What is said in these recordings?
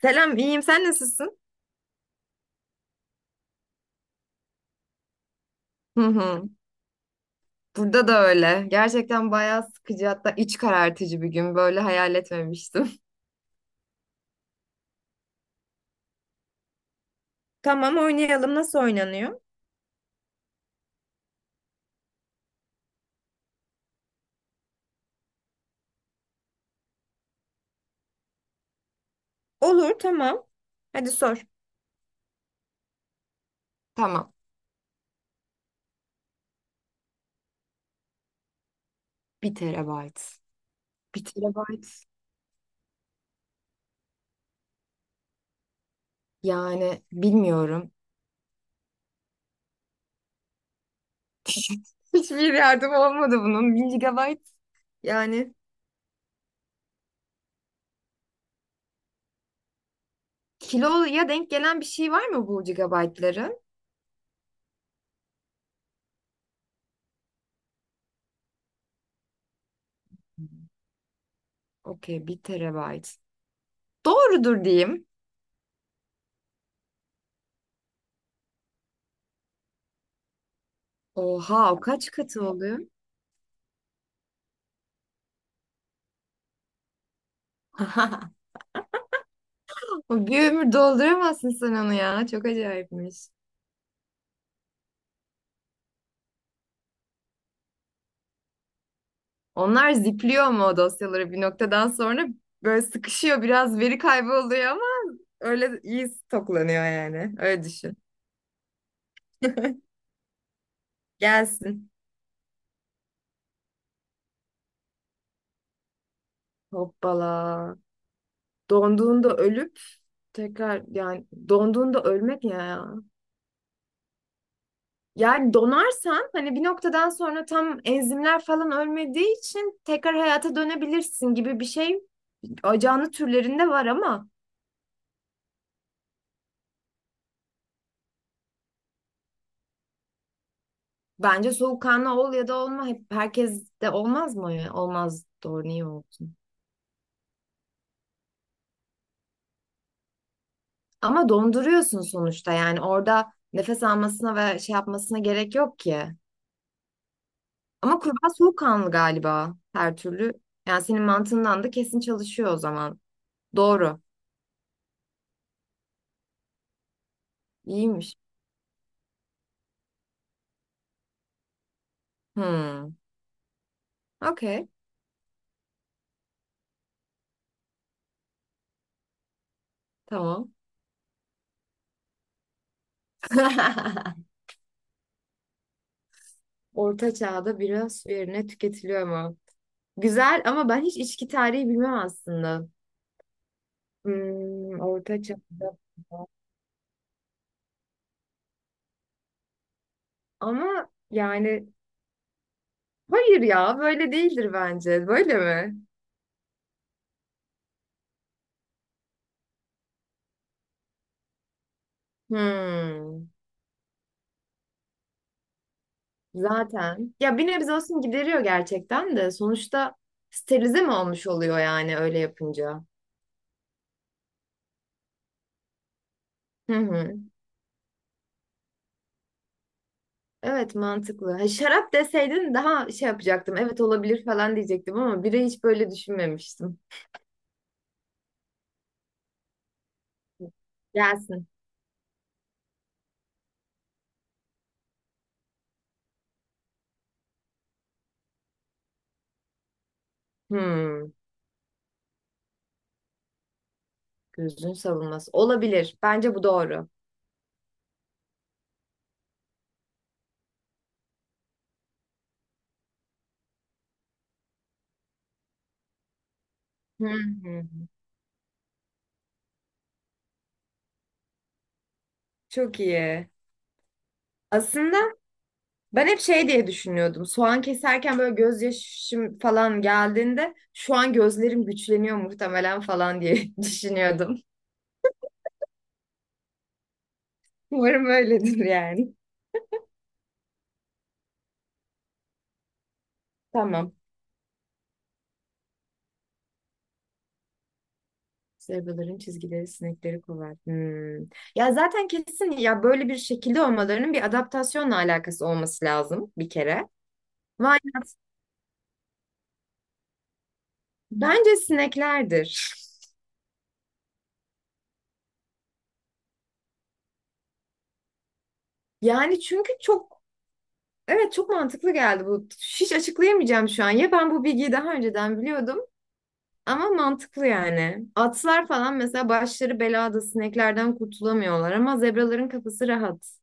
Selam, iyiyim. Sen nasılsın? Hı hı. Burada da öyle. Gerçekten bayağı sıkıcı, hatta iç karartıcı bir gün. Böyle hayal etmemiştim. Tamam, oynayalım. Nasıl oynanıyor? Olur, tamam. Hadi sor. Tamam. Bir terabayt. Bir terabayt. Yani bilmiyorum. Hiçbir yardım olmadı bunun. Bir gigabayt. Yani kiloya denk gelen bir şey var mı bu gigabaytların? Okey, bir terabayt. Doğrudur diyeyim. Oha, o kaç katı oluyor? O bir ömür dolduramazsın sen onu ya. Çok acayipmiş. Onlar zipliyor ama o dosyaları bir noktadan sonra böyle sıkışıyor. Biraz veri kaybı oluyor ama öyle iyi stoklanıyor yani. Öyle düşün. Gelsin. Hoppala. Donduğunda ölüp tekrar, yani donduğunda ölmek ne ya. Yani donarsan, hani bir noktadan sonra tam enzimler falan ölmediği için tekrar hayata dönebilirsin gibi bir şey. Canlı türlerinde var ama. Bence soğukkanlı ol ya da olma. Hep herkes de olmaz mı ya? Olmaz. Doğru, niye olsun? Ama donduruyorsun sonuçta, yani orada nefes almasına ve şey yapmasına gerek yok ki. Ama kurbağa soğukkanlı galiba her türlü. Yani senin mantığından da kesin çalışıyor o zaman. Doğru. İyiymiş. Hmm. Okey. Tamam. Orta çağda bira su yerine tüketiliyor mu? Güzel, ama ben hiç içki tarihi bilmem aslında. Orta çağda. Ama yani hayır ya, böyle değildir bence. Böyle mi? Hmm, zaten. Ya bir nebze olsun gideriyor gerçekten de sonuçta, sterilize mi olmuş oluyor yani öyle yapınca? Hı hı. Evet, mantıklı. Ha, şarap deseydin daha şey yapacaktım. Evet olabilir falan diyecektim ama bire hiç böyle düşünmemiştim. Gelsin. Hmm, gözün savunması. Olabilir. Bence bu doğru. Hı hı. Çok iyi. Aslında ben hep şey diye düşünüyordum. Soğan keserken böyle gözyaşım falan geldiğinde, şu an gözlerim güçleniyor muhtemelen falan diye düşünüyordum. Umarım öyledir yani. Tamam. Zebraların çizgileri sinekleri kovar. Hmm. Ya zaten kesin ya, böyle bir şekilde olmalarının bir adaptasyonla alakası olması lazım bir kere. Vay, bence sineklerdir. Yani çünkü çok, evet, çok mantıklı geldi bu. Hiç açıklayamayacağım şu an. Ya, ben bu bilgiyi daha önceden biliyordum. Ama mantıklı yani. Atlar falan mesela başları belada, sineklerden kurtulamıyorlar, ama zebraların kafası rahat.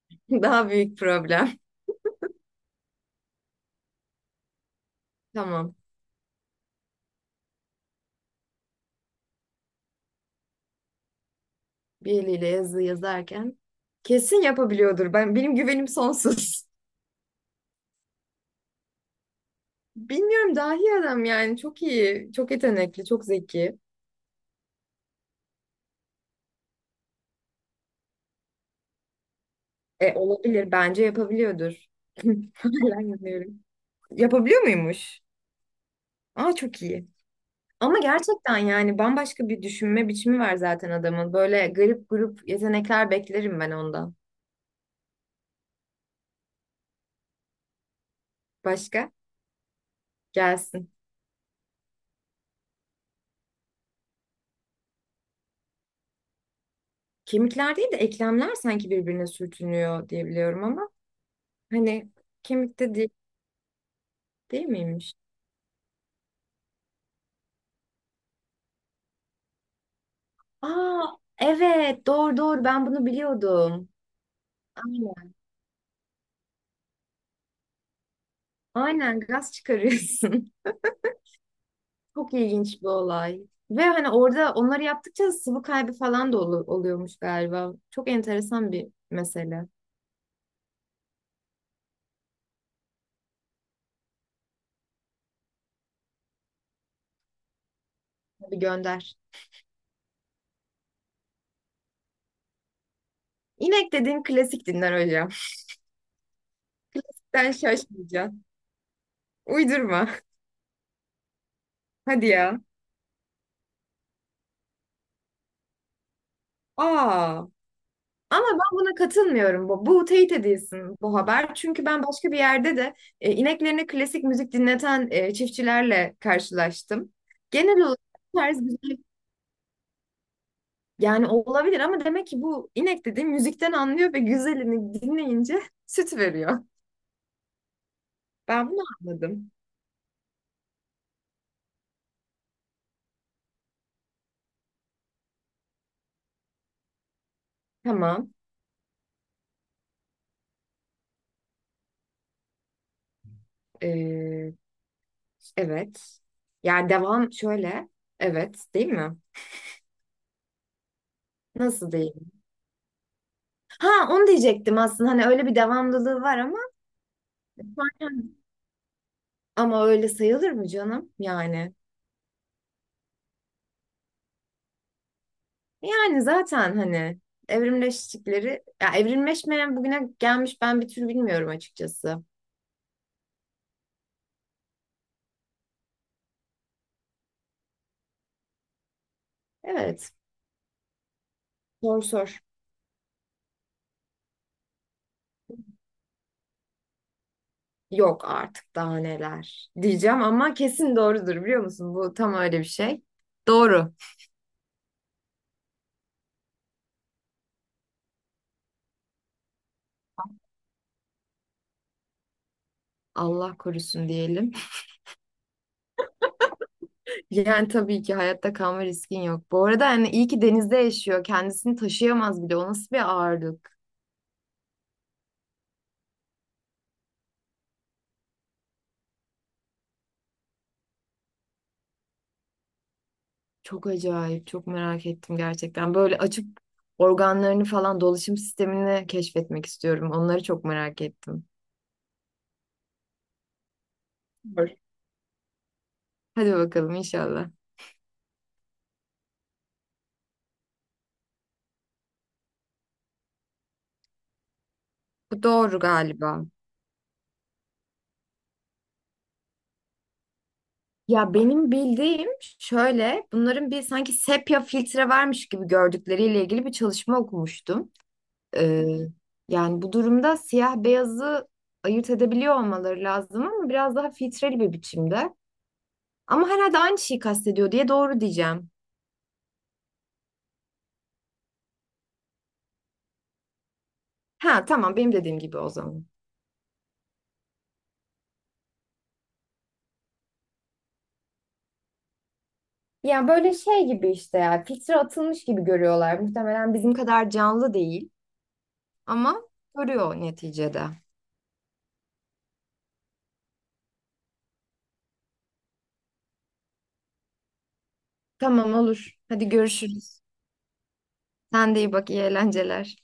Daha büyük problem. Tamam. Bir eliyle yazı yazarken kesin yapabiliyordur. Ben, benim güvenim sonsuz. Bilmiyorum, dahi adam yani. Çok iyi, çok yetenekli, çok zeki. E, olabilir, bence yapabiliyordur. Hala inanıyorum. Yapabiliyor muymuş? Aa, çok iyi. Ama gerçekten yani bambaşka bir düşünme biçimi var zaten adamın. Böyle garip grup yetenekler beklerim ben ondan. Başka? Gelsin. Kemikler değil de eklemler sanki birbirine sürtünüyor diye biliyorum, ama hani kemikte değil, değil miymiş? Aa, evet, doğru doğru, ben bunu biliyordum. Aynen. Aynen, gaz çıkarıyorsun. Çok ilginç bir olay. Ve hani orada onları yaptıkça sıvı kaybı falan da oluyormuş galiba. Çok enteresan bir mesele. Bir gönder. İnek dediğin klasik dinler hocam. Sen şaşmayacaksın. Uydurma. Hadi ya. Aa. Ama ben buna katılmıyorum. Bu teyit edilsin bu haber. Çünkü ben başka bir yerde de ineklerini klasik müzik dinleten çiftçilerle karşılaştım. Genel olarak bu tarz güzel, yani olabilir ama demek ki bu inek dediğim müzikten anlıyor ve güzelini dinleyince süt veriyor. Ben bunu anladım. Tamam. Ee, evet. Yani devam şöyle. Evet, değil mi? Nasıl değil? Ha, onu diyecektim aslında. Hani öyle bir devamlılığı var ama. Aynen. Ama öyle sayılır mı canım? Yani. Yani zaten, hani evrimleştikleri ya, evrimleşmeyen bugüne gelmiş, ben bir tür bilmiyorum açıkçası. Evet. Sor sor. Yok artık, daha neler diyeceğim ama kesin doğrudur, biliyor musun? Bu tam öyle bir şey. Doğru. Allah korusun diyelim. Yani tabii ki hayatta kalma riskin yok. Bu arada hani iyi ki denizde yaşıyor. Kendisini taşıyamaz bile. O nasıl bir ağırlık? Çok acayip, çok merak ettim gerçekten. Böyle açıp organlarını falan, dolaşım sistemini keşfetmek istiyorum. Onları çok merak ettim. Var. Hadi bakalım inşallah. Bu doğru galiba. Ya, benim bildiğim şöyle, bunların bir sanki sepya filtre varmış gibi gördükleriyle ilgili bir çalışma okumuştum. Ee, yani bu durumda siyah beyazı ayırt edebiliyor olmaları lazım, ama biraz daha filtreli bir biçimde. Ama herhalde aynı şeyi kastediyor diye doğru diyeceğim. Ha, tamam, benim dediğim gibi o zaman. Yani böyle şey gibi işte, ya, filtre atılmış gibi görüyorlar. Muhtemelen bizim kadar canlı değil, ama görüyor neticede. Tamam, olur. Hadi görüşürüz. Sen de iyi bak, iyi eğlenceler.